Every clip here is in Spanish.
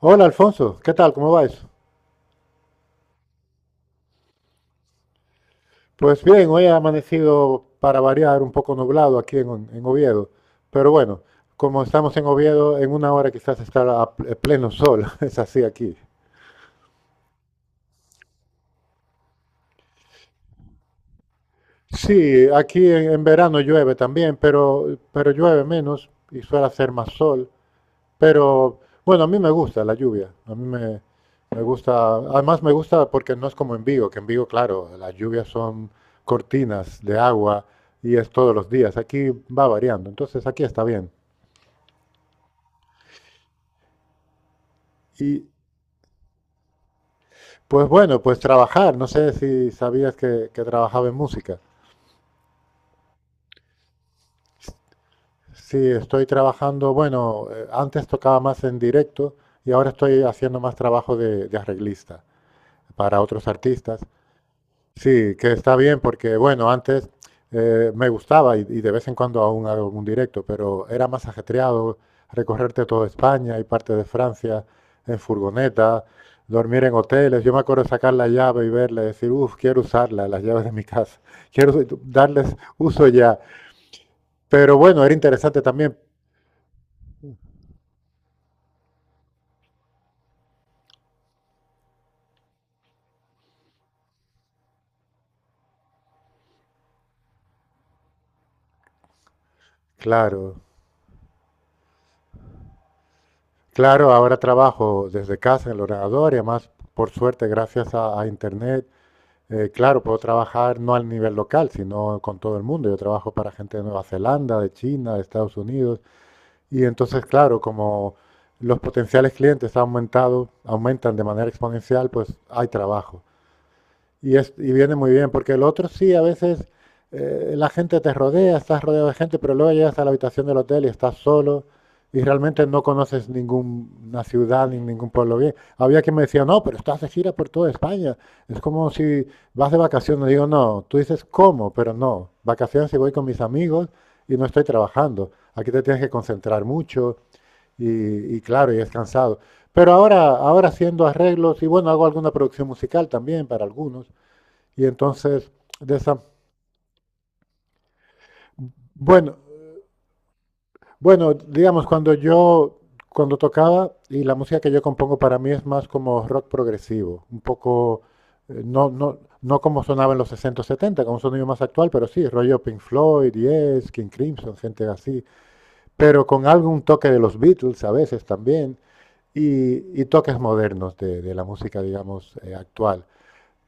Hola Alfonso, ¿qué tal? ¿Cómo va eso? Pues bien, hoy ha amanecido para variar un poco nublado aquí en Oviedo, pero bueno, como estamos en Oviedo, en una hora quizás estará a pleno sol, es así aquí. Sí, aquí en verano llueve también, pero llueve menos y suele hacer más sol. Pero bueno, a mí me gusta la lluvia. Me gusta. Además, me gusta porque no es como en Vigo, que en Vigo, claro, las lluvias son cortinas de agua y es todos los días. Aquí va variando. Entonces, aquí está bien. Y pues bueno, pues trabajar. No sé si sabías que trabajaba en música. Sí, estoy trabajando. Bueno, antes tocaba más en directo y ahora estoy haciendo más trabajo de arreglista para otros artistas. Sí, que está bien porque, bueno, antes me gustaba y de vez en cuando aún hago algún directo, pero era más ajetreado recorrerte toda España y parte de Francia en furgoneta, dormir en hoteles. Yo me acuerdo sacar la llave y verla y decir, uff, quiero usarla, las llaves de mi casa, darles uso ya. Pero bueno, era interesante también, claro, claro, ahora trabajo desde casa en el ordenador y además, por suerte, gracias a Internet. Claro, puedo trabajar no al nivel local, sino con todo el mundo. Yo trabajo para gente de Nueva Zelanda, de China, de Estados Unidos. Y entonces, claro, como los potenciales clientes han aumentado, aumentan de manera exponencial, pues hay trabajo. Y viene muy bien, porque el otro sí, a veces la gente te rodea, estás rodeado de gente, pero luego llegas a la habitación del hotel y estás solo y realmente no conoces ninguna ciudad ni ningún pueblo bien. Había quien me decía, no, pero estás de gira por toda España. Es como si vas de vacaciones. Digo, no, tú dices, ¿cómo? Pero no, vacaciones y voy con mis amigos y no estoy trabajando. Aquí te tienes que concentrar mucho y claro, y es cansado. Pero ahora, ahora haciendo arreglos y bueno, hago alguna producción musical también para algunos. Y entonces, de esa, bueno, bueno, digamos, cuando tocaba, y la música que yo compongo para mí es más como rock progresivo, un poco, no como sonaba en los 60 o 70, como un sonido más actual, pero sí, rollo Pink Floyd, Yes, King Crimson, gente así, pero con algún toque de los Beatles a veces también, y toques modernos de la música, digamos, actual.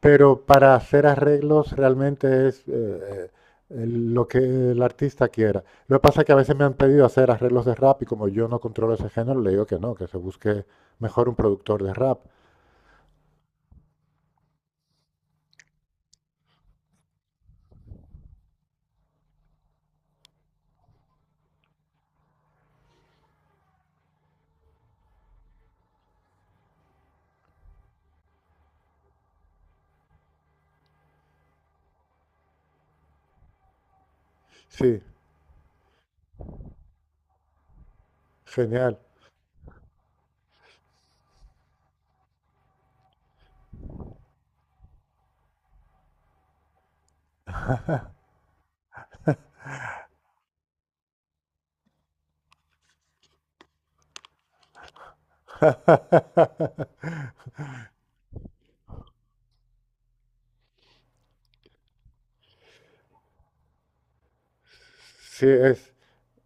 Pero para hacer arreglos realmente es eh, lo que el artista quiera. Lo que pasa es que a veces me han pedido hacer arreglos de rap y como yo no controlo ese género, le digo que no, que se busque mejor un productor de rap. Sí, genial. Sí, es,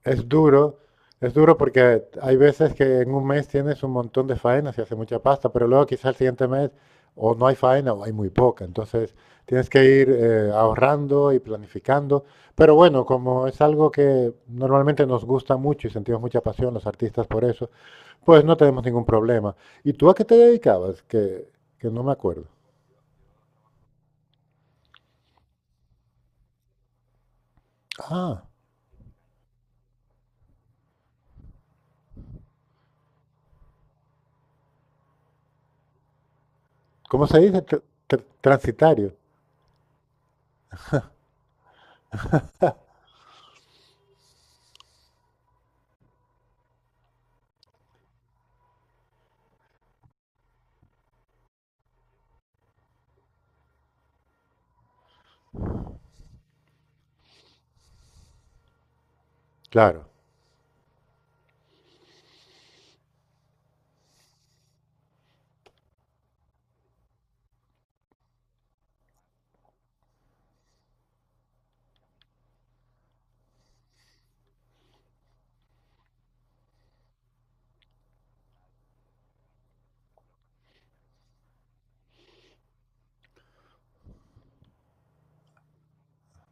Es duro, es duro porque hay veces que en un mes tienes un montón de faenas y hace mucha pasta, pero luego quizás el siguiente mes o no hay faena o hay muy poca. Entonces tienes que ir ahorrando y planificando. Pero bueno, como es algo que normalmente nos gusta mucho y sentimos mucha pasión los artistas por eso, pues no tenemos ningún problema. ¿Y tú a qué te dedicabas? Que no me acuerdo. Ah, ¿cómo se dice? Transitario. Claro,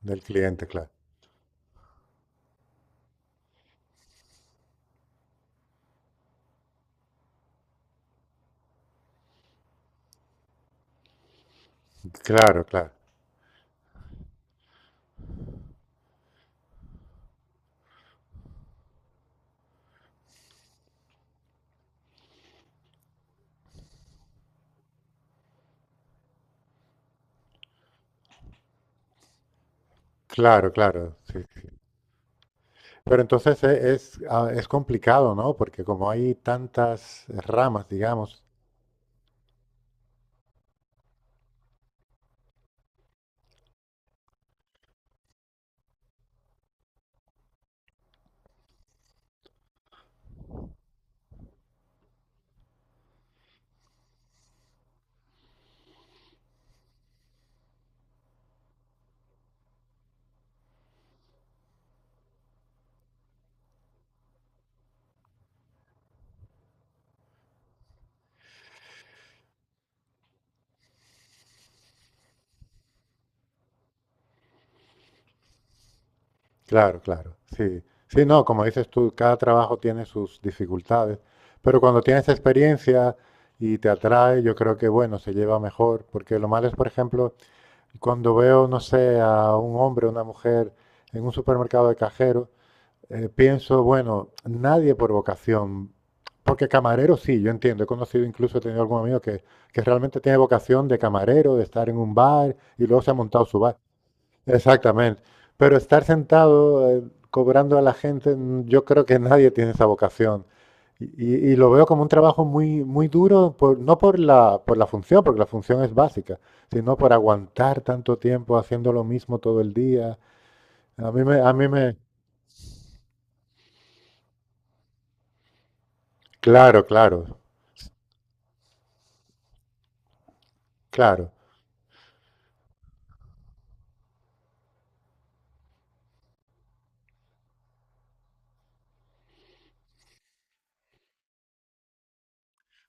del cliente, claro. Claro, claro. Claro, claro, sí, sí. Pero entonces es, ah, es complicado, ¿no? Porque como hay tantas ramas, digamos. Claro, claro, sí. Sí, no, como dices tú, cada trabajo tiene sus dificultades, pero cuando tienes experiencia y te atrae, yo creo que, bueno, se lleva mejor, porque lo malo es, por ejemplo, cuando veo, no sé, a un hombre o una mujer en un supermercado de cajero, pienso, bueno, nadie por vocación, porque camarero sí, yo entiendo, he conocido incluso, he tenido algún amigo que realmente tiene vocación de camarero, de estar en un bar y luego se ha montado su bar. Exactamente. Pero estar sentado cobrando a la gente, mm, yo creo que nadie tiene esa vocación. Y, y lo veo como un trabajo muy, muy duro, no por la, por la función, porque la función es básica, sino por aguantar tanto tiempo haciendo lo mismo todo el día. A mí me, a mí me, claro, claro. Claro,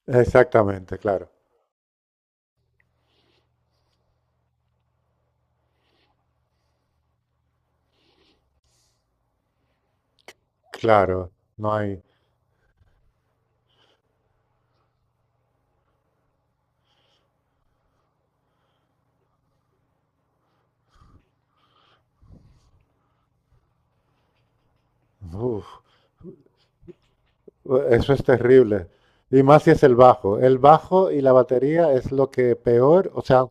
exactamente, claro, claro, no hay, uf, eso es terrible. Y más si es el bajo. El bajo y la batería es lo que peor, o sea,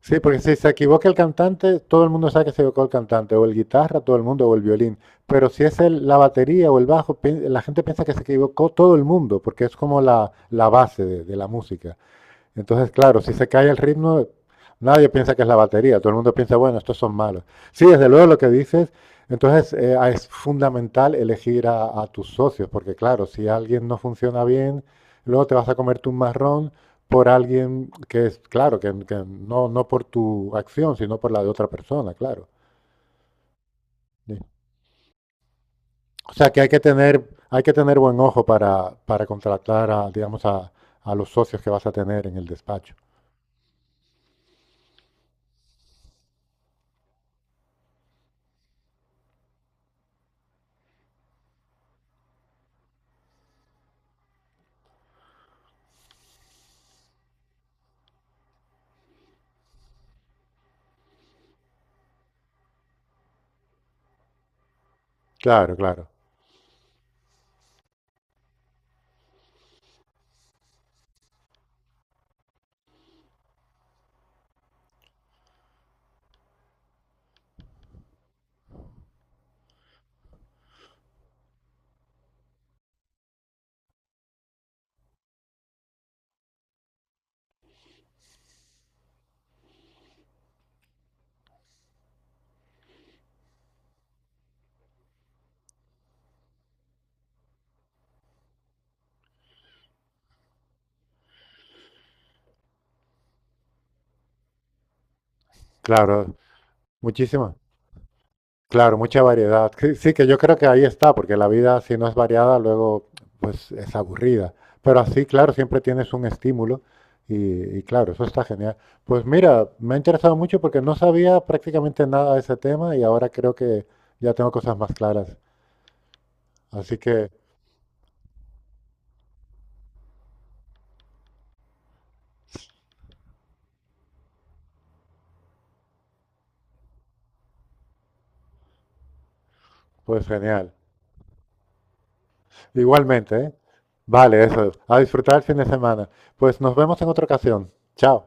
sí, porque si se equivoca el cantante, todo el mundo sabe que se equivocó el cantante, o el guitarra, todo el mundo, o el violín. Pero si es la batería o el bajo, la gente piensa que se equivocó todo el mundo, porque es como la base de la música. Entonces, claro, si se cae el ritmo, nadie piensa que es la batería, todo el mundo piensa, bueno, estos son malos. Sí, desde luego lo que dices, entonces es fundamental elegir tus socios, porque claro, si alguien no funciona bien, luego te vas a comerte un marrón por alguien que es, claro, que no, no por tu acción, sino por la de otra persona, claro. Sí. O sea que hay que tener buen ojo para contratar a, digamos, a los socios que vas a tener en el despacho. Claro, claro, claro. Muchísimas. Claro, mucha variedad. Sí, sí, que yo creo que ahí está, porque la vida si no es variada, luego pues es aburrida. Pero así, claro, siempre tienes un estímulo y claro, eso está genial. Pues mira, me ha interesado mucho porque no sabía prácticamente nada de ese tema y ahora creo que ya tengo cosas más claras. Así que, pues genial. Igualmente, ¿eh? Vale, eso. A disfrutar el fin de semana. Pues nos vemos en otra ocasión. Chao.